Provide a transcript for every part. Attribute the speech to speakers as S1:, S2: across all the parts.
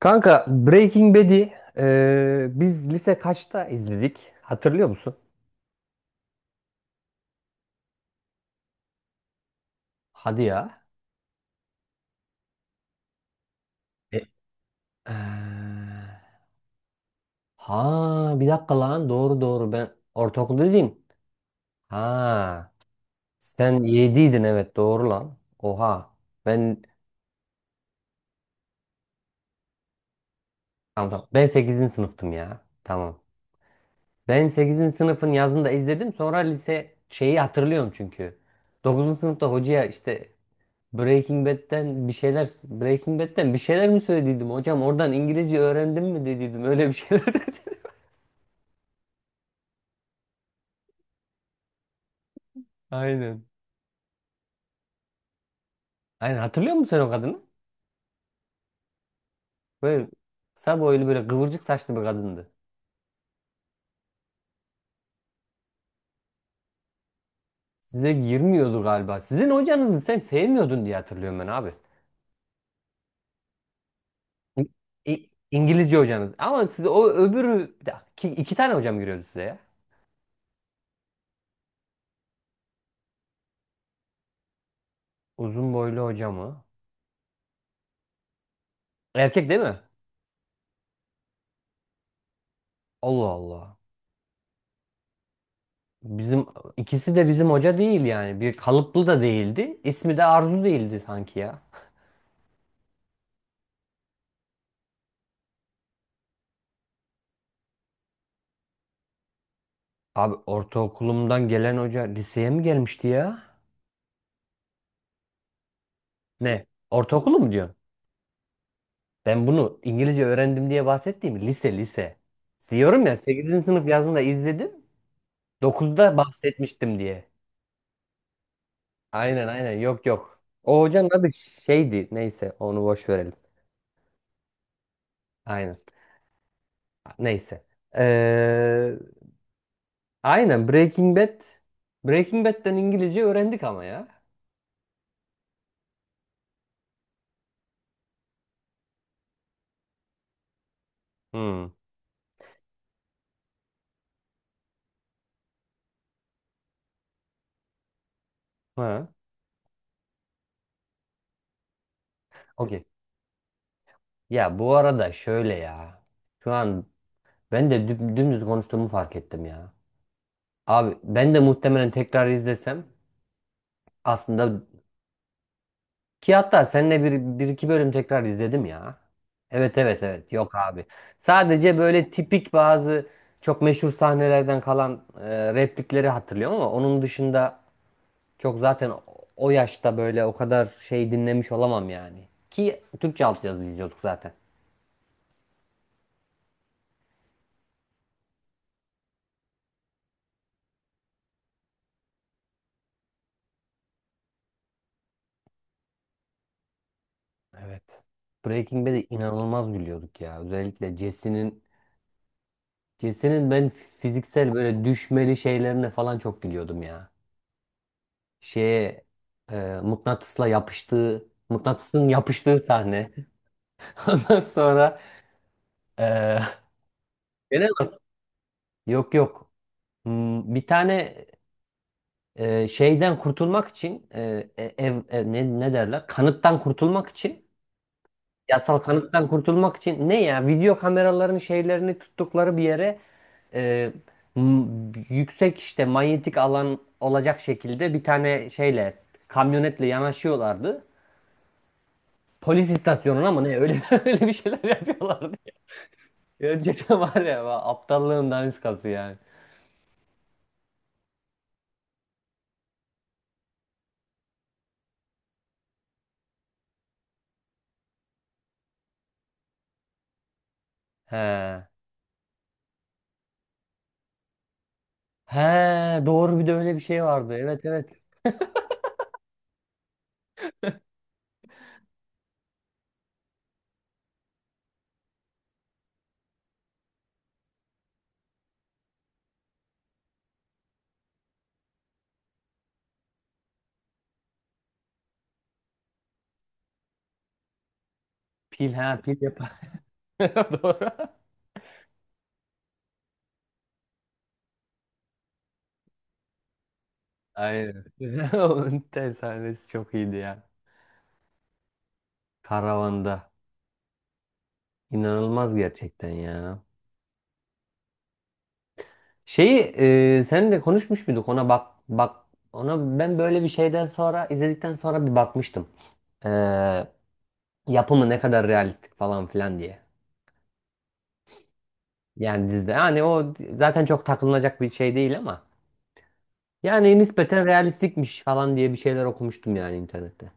S1: Kanka Breaking Bad'i biz lise kaçta izledik? Hatırlıyor musun? Hadi ya. E, eee, ha bir dakika lan doğru doğru ben ortaokulda değilim. Ha sen yediydin evet doğru lan. Oha ben tamam, tamam. Ben sekizinci sınıftım ya. Tamam. Ben sekizinci sınıfın yazında izledim sonra lise şeyi hatırlıyorum çünkü dokuzuncu sınıfta hocaya işte Breaking Bad'den bir şeyler mi söylediydim hocam? Oradan İngilizce öğrendim mi dediydim. Öyle bir şeyler dedi. Aynen. Aynen hatırlıyor musun sen o kadını? Böyle kısa boylu böyle kıvırcık saçlı bir kadındı. Size girmiyordu galiba. Sizin hocanızı sen sevmiyordun diye hatırlıyorum ben abi. İ- İngilizce hocanız. Ama size o öbürü bir dakika, iki tane hocam giriyordu size ya. Uzun boylu hocamı. Erkek değil mi? Allah Allah. Bizim ikisi de bizim hoca değil yani. Bir kalıplı da değildi. İsmi de Arzu değildi sanki ya. Abi ortaokulumdan gelen hoca liseye mi gelmişti ya? Ne? Ortaokulu mu diyorsun? Ben bunu İngilizce öğrendim diye bahsettiğim lise lise. Diyorum ya sekizinci sınıf yazında izledim dokuzda bahsetmiştim diye. Aynen aynen yok yok. O hocanın adı şeydi. Neyse onu boş verelim. Aynen. Neyse. Ee, Aynen Breaking Bad. Breaking Bad'den İngilizce öğrendik ama ya. Hmm. Ha. Okey. Ya bu arada şöyle ya. Şu an ben de dümdüz konuştuğumu fark ettim ya. Abi ben de muhtemelen tekrar izlesem aslında ki hatta seninle bir iki bölüm tekrar izledim ya. Evet evet evet yok abi. Sadece böyle tipik bazı çok meşhur sahnelerden kalan replikleri hatırlıyorum ama onun dışında çok zaten o yaşta böyle o kadar şey dinlemiş olamam yani. Ki Türkçe altyazılı izliyorduk zaten. Evet. Breaking Bad'e inanılmaz gülüyorduk ya. Özellikle Jesse'nin ben fiziksel böyle düşmeli şeylerine falan çok gülüyordum ya. Şeye mıknatısla yapıştığı mıknatısın yapıştığı sahne. Ondan sonra e, gene mi? Yok yok. Bir tane şeyden kurtulmak için ne derler? Kanıttan kurtulmak için yasal kanıttan kurtulmak için ne ya video kameraların şeylerini tuttukları bir yere e, yüksek işte manyetik alan olacak şekilde bir tane şeyle kamyonetle yanaşıyorlardı. Polis istasyonuna mı ne öyle öyle bir şeyler yapıyorlardı. Ya cidden var ya aptallığın daniskası yani. He. He doğru bir de öyle bir şey vardı. Evet evet. Pil ha pil yap. Doğru. Aynen. Onun tel sahnesi çok iyiydi ya. Karavanda. İnanılmaz gerçekten ya. Şeyi seninle konuşmuş muyduk? Ona bak bak ona ben böyle bir şeyden sonra izledikten sonra bir bakmıştım. E, yapımı ne kadar realistik falan filan diye. Yani dizide yani o zaten çok takılınacak bir şey değil ama yani nispeten realistikmiş falan diye bir şeyler okumuştum yani internette.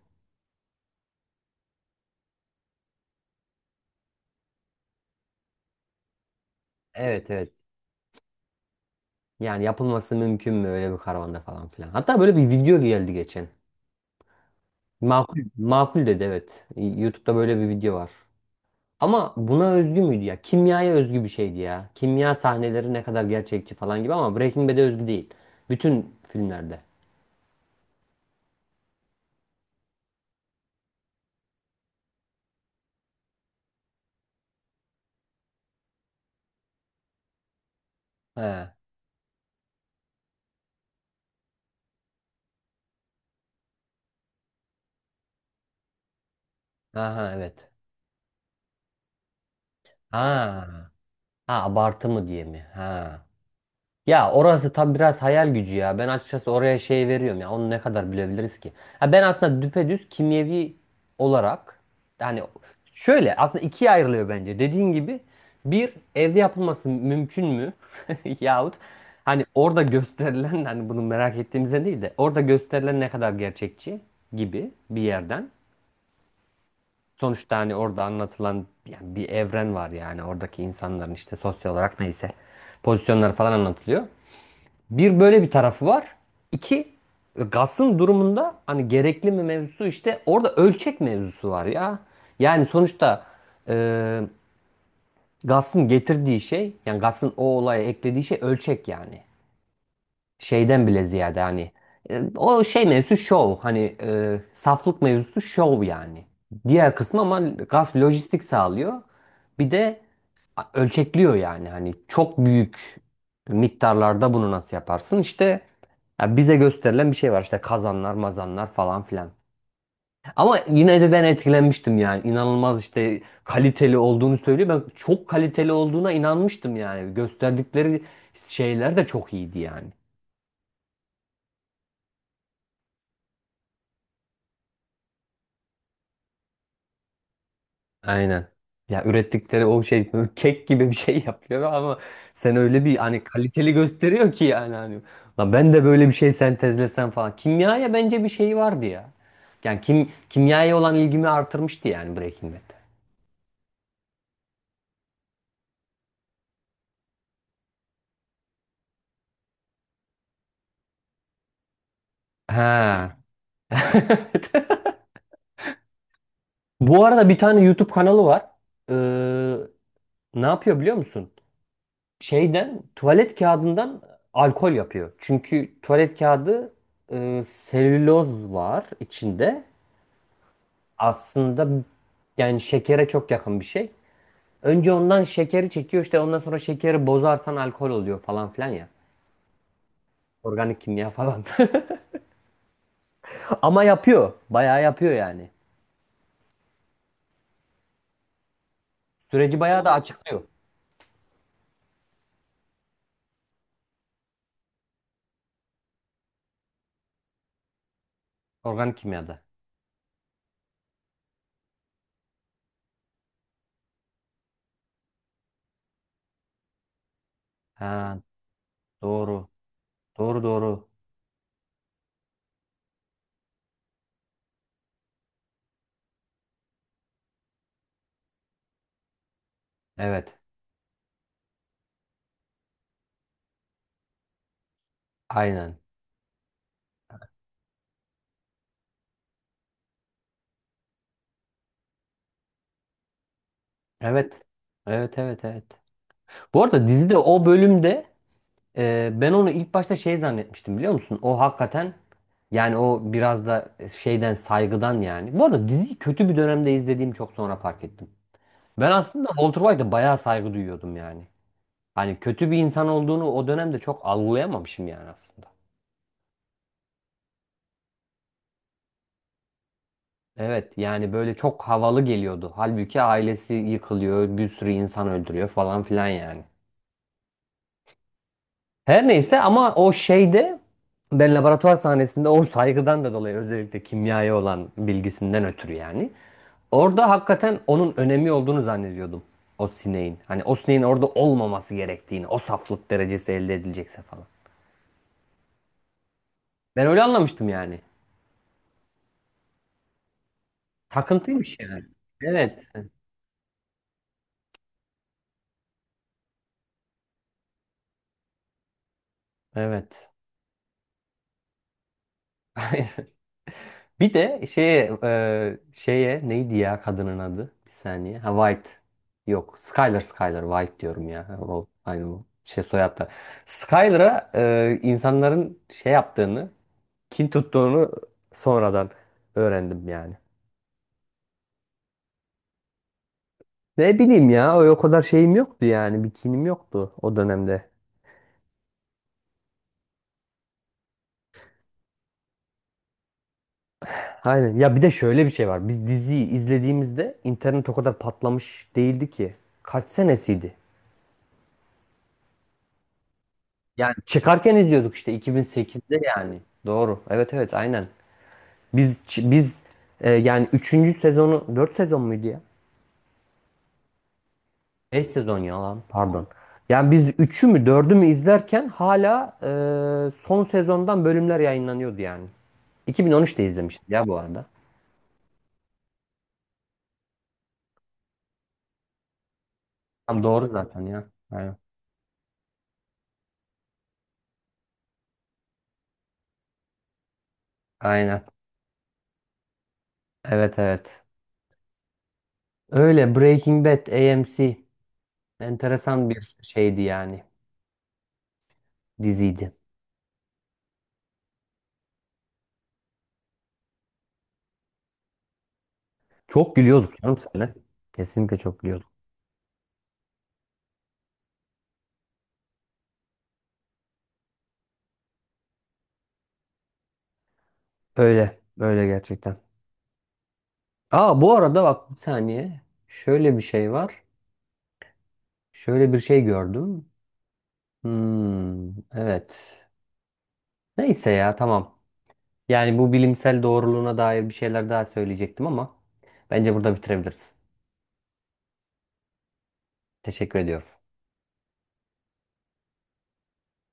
S1: Evet evet. Yani yapılması mümkün mü öyle bir karavanda falan filan. Hatta böyle bir video geldi geçen. Makul, makul dedi evet. YouTube'da böyle bir video var. Ama buna özgü müydü ya? Kimyaya özgü bir şeydi ya. Kimya sahneleri ne kadar gerçekçi falan gibi ama Breaking Bad'e özgü değil. Bütün filmlerde. He. Aha evet. Ha. Ha abartı mı diye mi? Ha. Ya orası tam biraz hayal gücü ya. Ben açıkçası oraya şey veriyorum ya. Onu ne kadar bilebiliriz ki? Ha ben aslında düpedüz kimyevi olarak yani şöyle aslında ikiye ayrılıyor bence. Dediğin gibi bir evde yapılması mümkün mü? Yahut hani orada gösterilen hani bunu merak ettiğimizden değil de orada gösterilen ne kadar gerçekçi gibi bir yerden. Sonuçta hani orada anlatılan yani bir evren var yani oradaki insanların işte sosyal olarak neyse pozisyonları falan anlatılıyor. Bir böyle bir tarafı var. İki Gas'ın durumunda hani gerekli mi mevzusu işte orada ölçek mevzusu var ya. Yani sonuçta e, Gas'ın getirdiği şey yani Gas'ın o olaya eklediği şey ölçek yani. Şeyden bile ziyade hani o şey mevzusu şov hani saflık mevzusu şov yani. Diğer kısmı ama Gas lojistik sağlıyor. Bir de ölçekliyor yani hani çok büyük miktarlarda bunu nasıl yaparsın işte ya bize gösterilen bir şey var işte kazanlar mazanlar falan filan. Ama yine de ben etkilenmiştim yani inanılmaz işte kaliteli olduğunu söylüyor. Ben çok kaliteli olduğuna inanmıştım yani gösterdikleri şeyler de çok iyiydi yani. Aynen. Ya ürettikleri o şey böyle kek gibi bir şey yapıyor ama sen öyle bir hani kaliteli gösteriyor ki yani hani "Lan ben de böyle bir şey sentezlesem falan. Kimyaya bence bir şey vardı ya. Yani kimyaya olan ilgimi artırmıştı yani Breaking Bad. Ha. Bu arada bir tane YouTube kanalı var. Ee, ne yapıyor biliyor musun? Şeyden tuvalet kağıdından alkol yapıyor. Çünkü tuvalet kağıdı selüloz var içinde. Aslında yani şekere çok yakın bir şey. Önce ondan şekeri çekiyor işte ondan sonra şekeri bozarsan alkol oluyor falan filan ya. Organik kimya falan. Ama yapıyor. Bayağı yapıyor yani. Süreci bayağı da açıklıyor. Organik kimyada. Ha, doğru. Doğru doğru. Evet. Aynen. Evet. Evet evet evet. Bu arada dizide o bölümde Ben onu ilk başta şey zannetmiştim biliyor musun? O hakikaten yani o biraz da şeyden saygıdan yani. Bu arada diziyi kötü bir dönemde izlediğim çok sonra fark ettim. Ben aslında Walter White'a bayağı saygı duyuyordum yani. Hani kötü bir insan olduğunu o dönemde çok algılayamamışım yani aslında. Evet yani böyle çok havalı geliyordu. Halbuki ailesi yıkılıyor, bir sürü insan öldürüyor falan filan yani. Her neyse ama o şeyde ben laboratuvar sahnesinde o saygıdan da dolayı özellikle kimyaya olan bilgisinden ötürü yani. Orada hakikaten onun önemi olduğunu zannediyordum. O sineğin. Hani o sineğin orada olmaması gerektiğini. O saflık derecesi elde edilecekse falan. Ben öyle anlamıştım yani. Takıntıymış yani. Evet. Evet. Bir de şeye neydi ya kadının adı? Bir saniye. Ha White. Yok. Skyler Skyler. White diyorum ya. O aynı bu. Şey soyadlar. Skyler'a insanların şey yaptığını, kin tuttuğunu sonradan öğrendim yani. Ne bileyim ya o kadar şeyim yoktu yani bikinim yoktu o dönemde. Aynen ya bir de şöyle bir şey var biz diziyi izlediğimizde internet o kadar patlamış değildi ki. Kaç senesiydi? Yani çıkarken izliyorduk işte 2008'de yani. Doğru evet evet aynen. Biz yani üçüncü sezonu 4 sezon muydu ya? 5 sezon ya lan pardon. Yani biz üçü mü dördü mü izlerken hala son sezondan bölümler yayınlanıyordu yani. 2013'te izlemişiz ya bu arada. Tam doğru zaten ya. Aynen. Aynen. Evet evet. Öyle Breaking Bad AMC enteresan bir şeydi yani diziydi. Çok gülüyorduk canım seninle. Kesinlikle çok gülüyorduk. Öyle. Öyle gerçekten. Aa bu arada bak bir saniye. Şöyle bir şey var. Şöyle bir şey gördüm. Hmm, evet. Neyse ya tamam. Yani bu bilimsel doğruluğuna dair bir şeyler daha söyleyecektim ama bence burada bitirebiliriz. Teşekkür ediyorum.